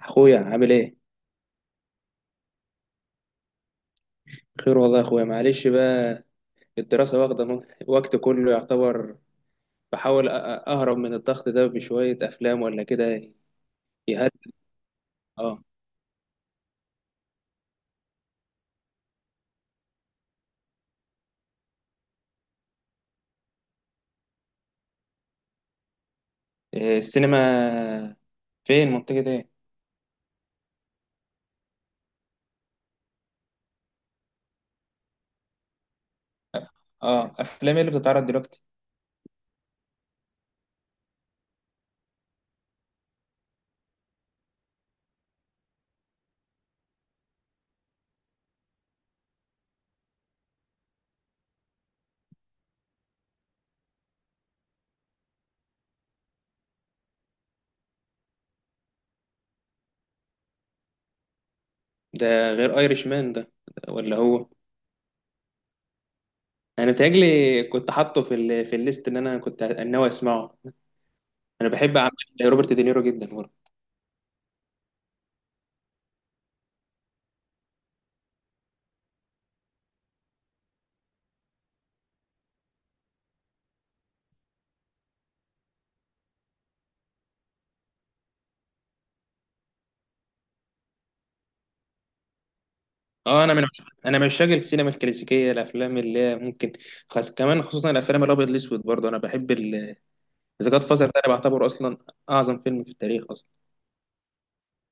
اخويا عامل ايه؟ خير والله يا اخويا، معلش بقى. الدراسه واخده وقت كله يعتبر. بحاول اهرب من الضغط ده بشويه افلام ولا كده، يهدي. اه. إيه، السينما؟ فين، منطقه ايه؟ اه، افلام ايه اللي بتتعرض دلوقتي؟ ده غير ايرش مان ده ولا هو؟ انا بتهيألي كنت حاطه في الليست اللي انا كنت ناوي اسمعه. انا بحب اعمال روبرت دينيرو جدا. اه، انا من عشاق السينما الكلاسيكيه، الافلام اللي هي ممكن خاص كمان، خصوصا الافلام الابيض الاسود برضه. انا بحب اذا جاد فازر ده، انا بعتبره اصلا اعظم فيلم في التاريخ اصلا.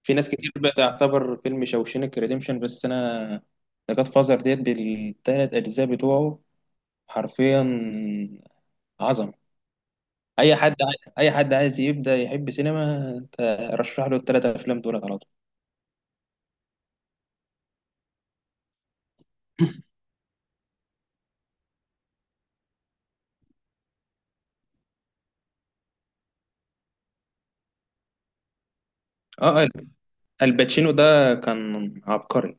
في ناس كتير بتعتبر فيلم شوشينك ريديمشن، بس انا ذا جاد فازر ديت بالثلاث اجزاء بتوعه، حرفيا عظمه. اي حد عايز يبدا يحب سينما، انت رشح له الثلاث افلام دولت على طول. اه، الباتشينو ده كان عبقري.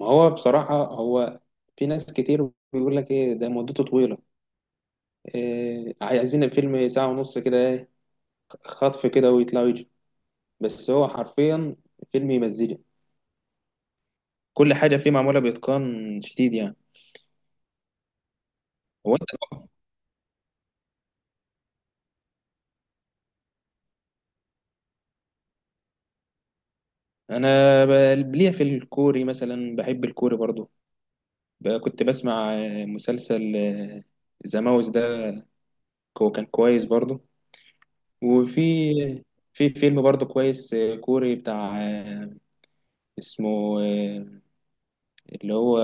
ما هو بصراحة هو، في ناس كتير بيقول لك ايه ده مدته طويلة، إيه عايزين الفيلم ساعة ونص كده، ايه خطف كده ويطلع ويجي. بس هو حرفيا فيلم يمزجك، كل حاجة فيه معمولة بإتقان شديد يعني. هو انت، انا ليا في الكوري مثلا، بحب الكوري برضو. كنت بسمع مسلسل ذا ماوس ده، هو كان كويس برضو. وفي، في فيلم برضو كويس كوري بتاع اسمه اللي هو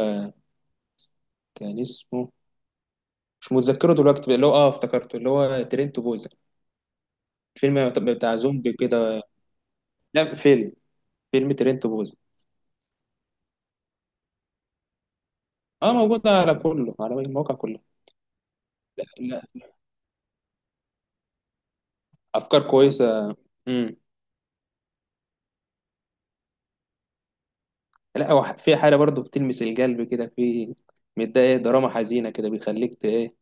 كان اسمه، مش متذكره دلوقتي بقى، اللي هو اه افتكرته، اللي هو ترينت بوزة، الفيلم بتاع زومبي كده. لا فيلم ترينت بوزة. اه، موجود على كله، على المواقع كلها. لا لا، افكار كويسه. امم. لا، هو في حاجه برضو بتلمس القلب كده، في متضايق، دراما حزينه كده، بيخليك ايه،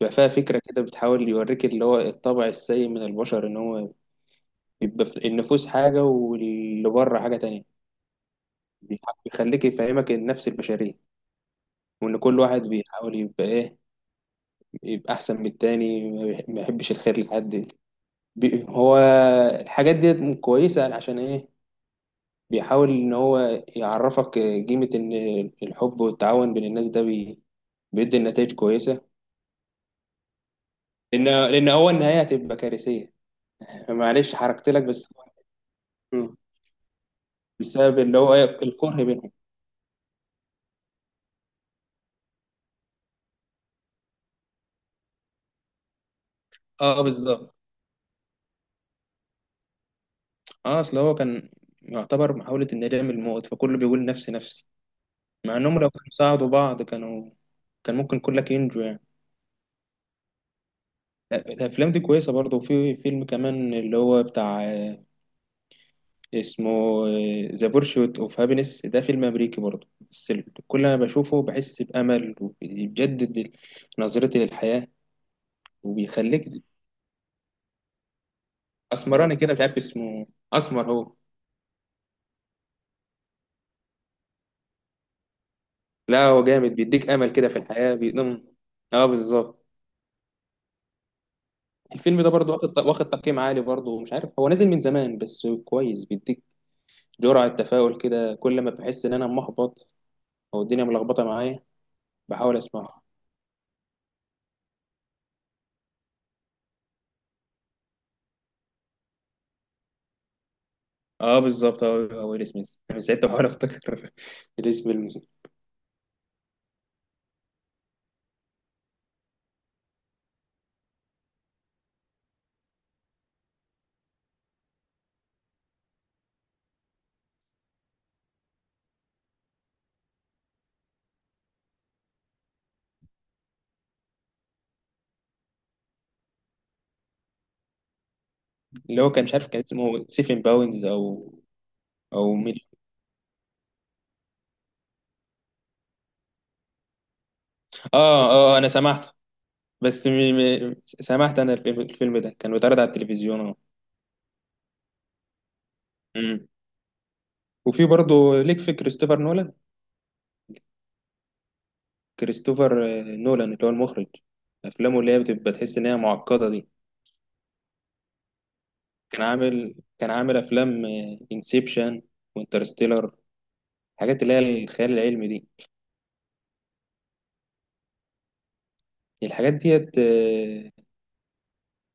تبقى فيها فكره كده، بتحاول يوريك اللي هو الطبع السيء من البشر، ان هو بيبقى في النفوس حاجه واللي بره حاجه تانية. بيح- بيخليك يفهمك النفس البشريه، وان كل واحد بيحاول يبقى ايه، يبقى احسن من التاني، ما يحبش الخير لحد. هو الحاجات دي كويسة عشان ايه، بيحاول ان هو يعرفك قيمة ان الحب والتعاون بين الناس ده بيدي نتائج كويسة. لان، هو النهاية هتبقى كارثية. معلش، حركت لك بس. مم. بسبب اللي هو إيه؟ الكره بينهم. اه، بالظبط. اه، اصل هو كان يعتبر محاولة الندام الموت، فكله بيقول نفسي نفسي. مع انهم لو كانوا ساعدوا بعض، كانوا كان ممكن كلك ينجو يعني. لا، الافلام دي كويسه برضه. وفي فيلم كمان اللي هو بتاع اسمه ذا بورشوت اوف هابينس. ده فيلم امريكي برضه، بس كل ما بشوفه بحس بامل، وبيجدد نظرتي للحياه، وبيخليك. اسمراني كده، مش عارف اسمه، اسمر هو. لا، هو جامد، بيديك امل كده في الحياه، بيقدم. اه، بالظبط. الفيلم ده برضه واخد، تقييم عالي برضه، مش عارف هو نازل من زمان، بس كويس، بيديك جرعه تفاؤل كده، كل ما بحس ان انا محبط او الدنيا ملخبطه معايا بحاول اسمعه. اه، بالظبط، هو، ويل سميث، انا ساعتها بحاول افتكر الاسم اللي هو، كان مش عارف، كان اسمه سيفن باوندز او، مين. اه، اه، انا سمعته، بس سمعت انا الفيلم، ده كان بيتعرض على التلفزيون اه. أمم. وفي برضه ليك في كريستوفر نولان، كريستوفر نولان اللي هو المخرج، افلامه اللي هي بتبقى تحس ان هي معقده دي. كان عامل افلام انسبشن وانترستيلر، الحاجات اللي هي الخيال العلمي دي، الحاجات ديت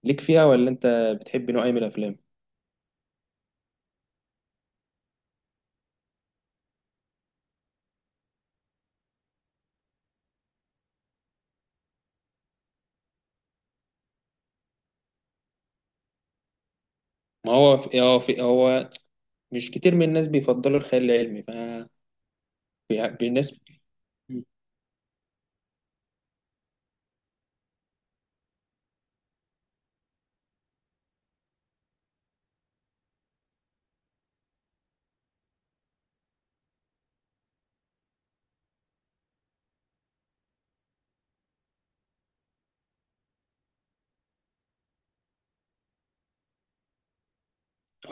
ليك فيها ولا انت بتحب نوع ايه من الافلام؟ ما هو في، هو في، مش كتير من الناس بيفضلوا الخيال العلمي، ف الناس.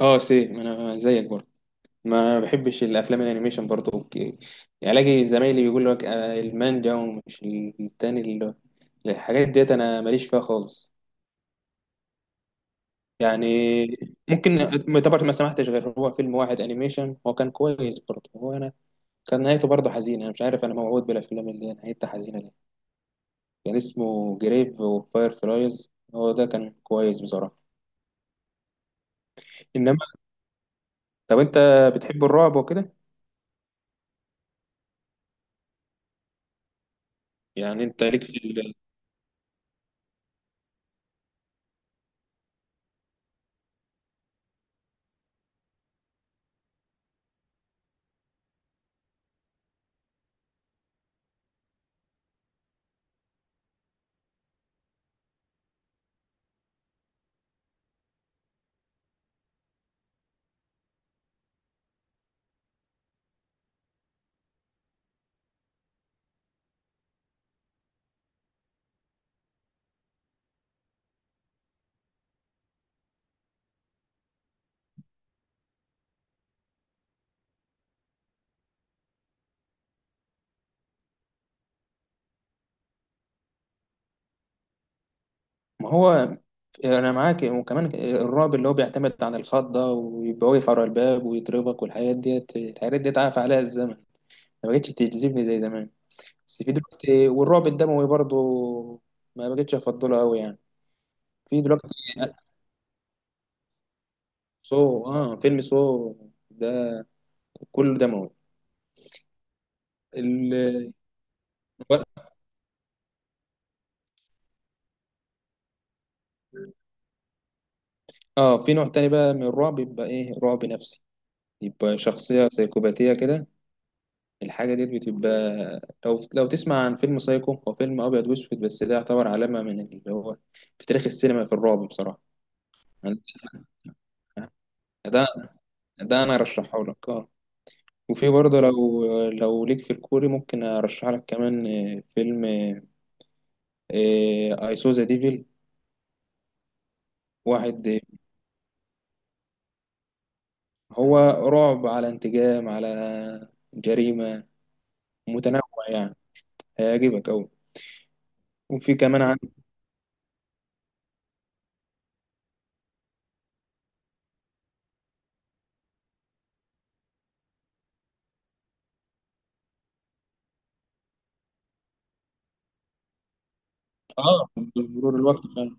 اه، سي، ما انا زيك برضه، ما بحبش الافلام الانيميشن برضه، اوكي؟ يعني الاقي زمايلي بيقول لك المانجا ومش التاني اللي، الحاجات ديت انا ماليش فيها خالص يعني. ممكن يعتبر ما سمحتش غير هو فيلم واحد انيميشن هو كان كويس برضه، هو انا كان نهايته برضه حزينه، انا مش عارف انا موعود بالافلام اللي هي نهايتها حزينه ليه، كان اسمه جريف وفاير فلايز، هو ده كان كويس بصراحة. إنما، طب أنت بتحب الرعب وكده؟ يعني أنت ليك في ما هو أنا معاك. وكمان الرعب اللي هو بيعتمد على الخضة ده، ويبقى واقف على الباب ويضربك، والحاجات ديت، الحاجات ديت عاف عليها الزمن، ما بقتش تجذبني زي زمان. بس في دلوقتي، والرعب الدموي برضه ما بقتش أفضله أوي يعني، في دلوقتي. سو، فيلم سو ده كله دموي. ال- اه، في نوع تاني بقى من الرعب، يبقى ايه، رعب نفسي، يبقى شخصية سيكوباتية كده. الحاجة دي بتبقى، لو تسمع عن فيلم سايكو، هو فيلم أبيض وأسود، بس ده يعتبر علامة من اللي هو، في تاريخ السينما في الرعب بصراحة يعني. ده ده أنا أرشحه لك اه. وفي برضه، لو ليك في الكوري، ممكن أرشح لك كمان فيلم I saw the devil، واحد هو رعب، على انتقام، على جريمة، متنوع يعني، هيعجبك أوي. وفي كمان. اه، بمرور الوقت فعلا.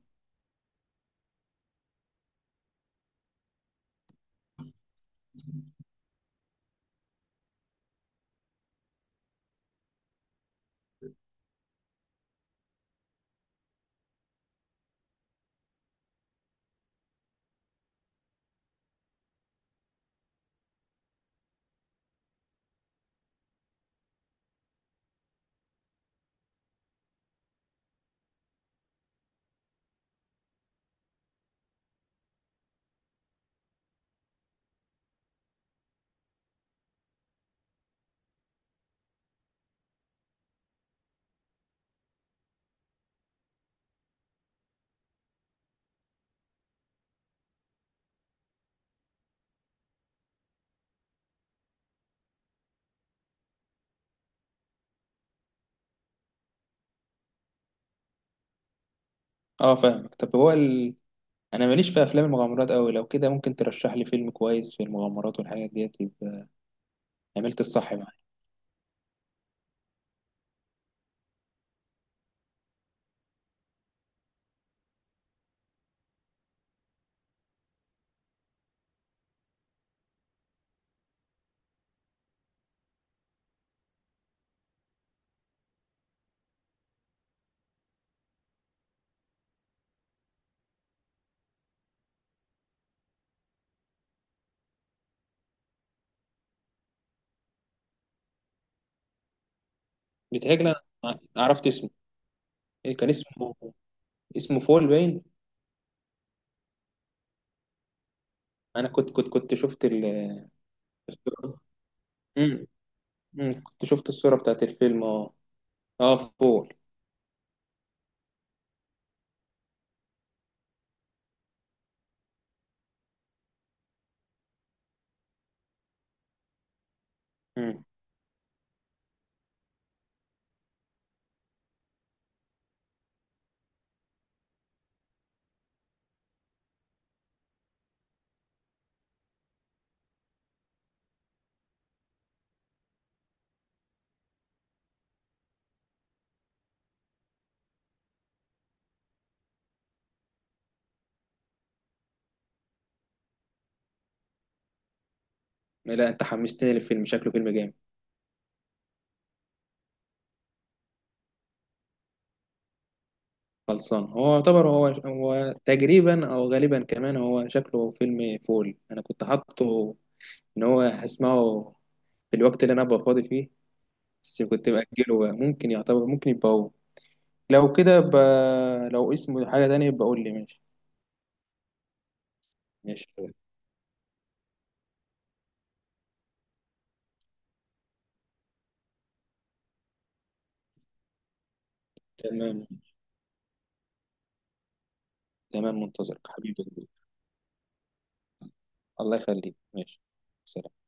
اه فاهمك. طب هو انا ماليش في افلام المغامرات قوي، لو كده ممكن ترشح لي فيلم كويس في المغامرات والحاجات ديت، يبقى عملت الصح معايا. بيتهيألي انا عرفت اسمه. إيه كان اسمه؟ اسمه فول باين. انا كنت شفت الصورة. امم. أمم، كنت شفت الصورة بتاعت الفيلم اه، اه فول. امم. لا، انت حمستني للفيلم، شكله فيلم جامد. خلصان. هو يعتبر هو، تقريبا او غالبا كمان، هو شكله فيلم فول، انا كنت حاطه ان هو هسمعه في الوقت اللي انا ابقى فاضي فيه، بس كنت باجله بقى. ممكن يعتبر، ممكن يبقى هو. لو كده لو اسمه حاجه تانية يبقى قول لي، ماشي. ماشي، تمام تمام، منتظرك حبيبي. الله يخليك، ماشي، سلام.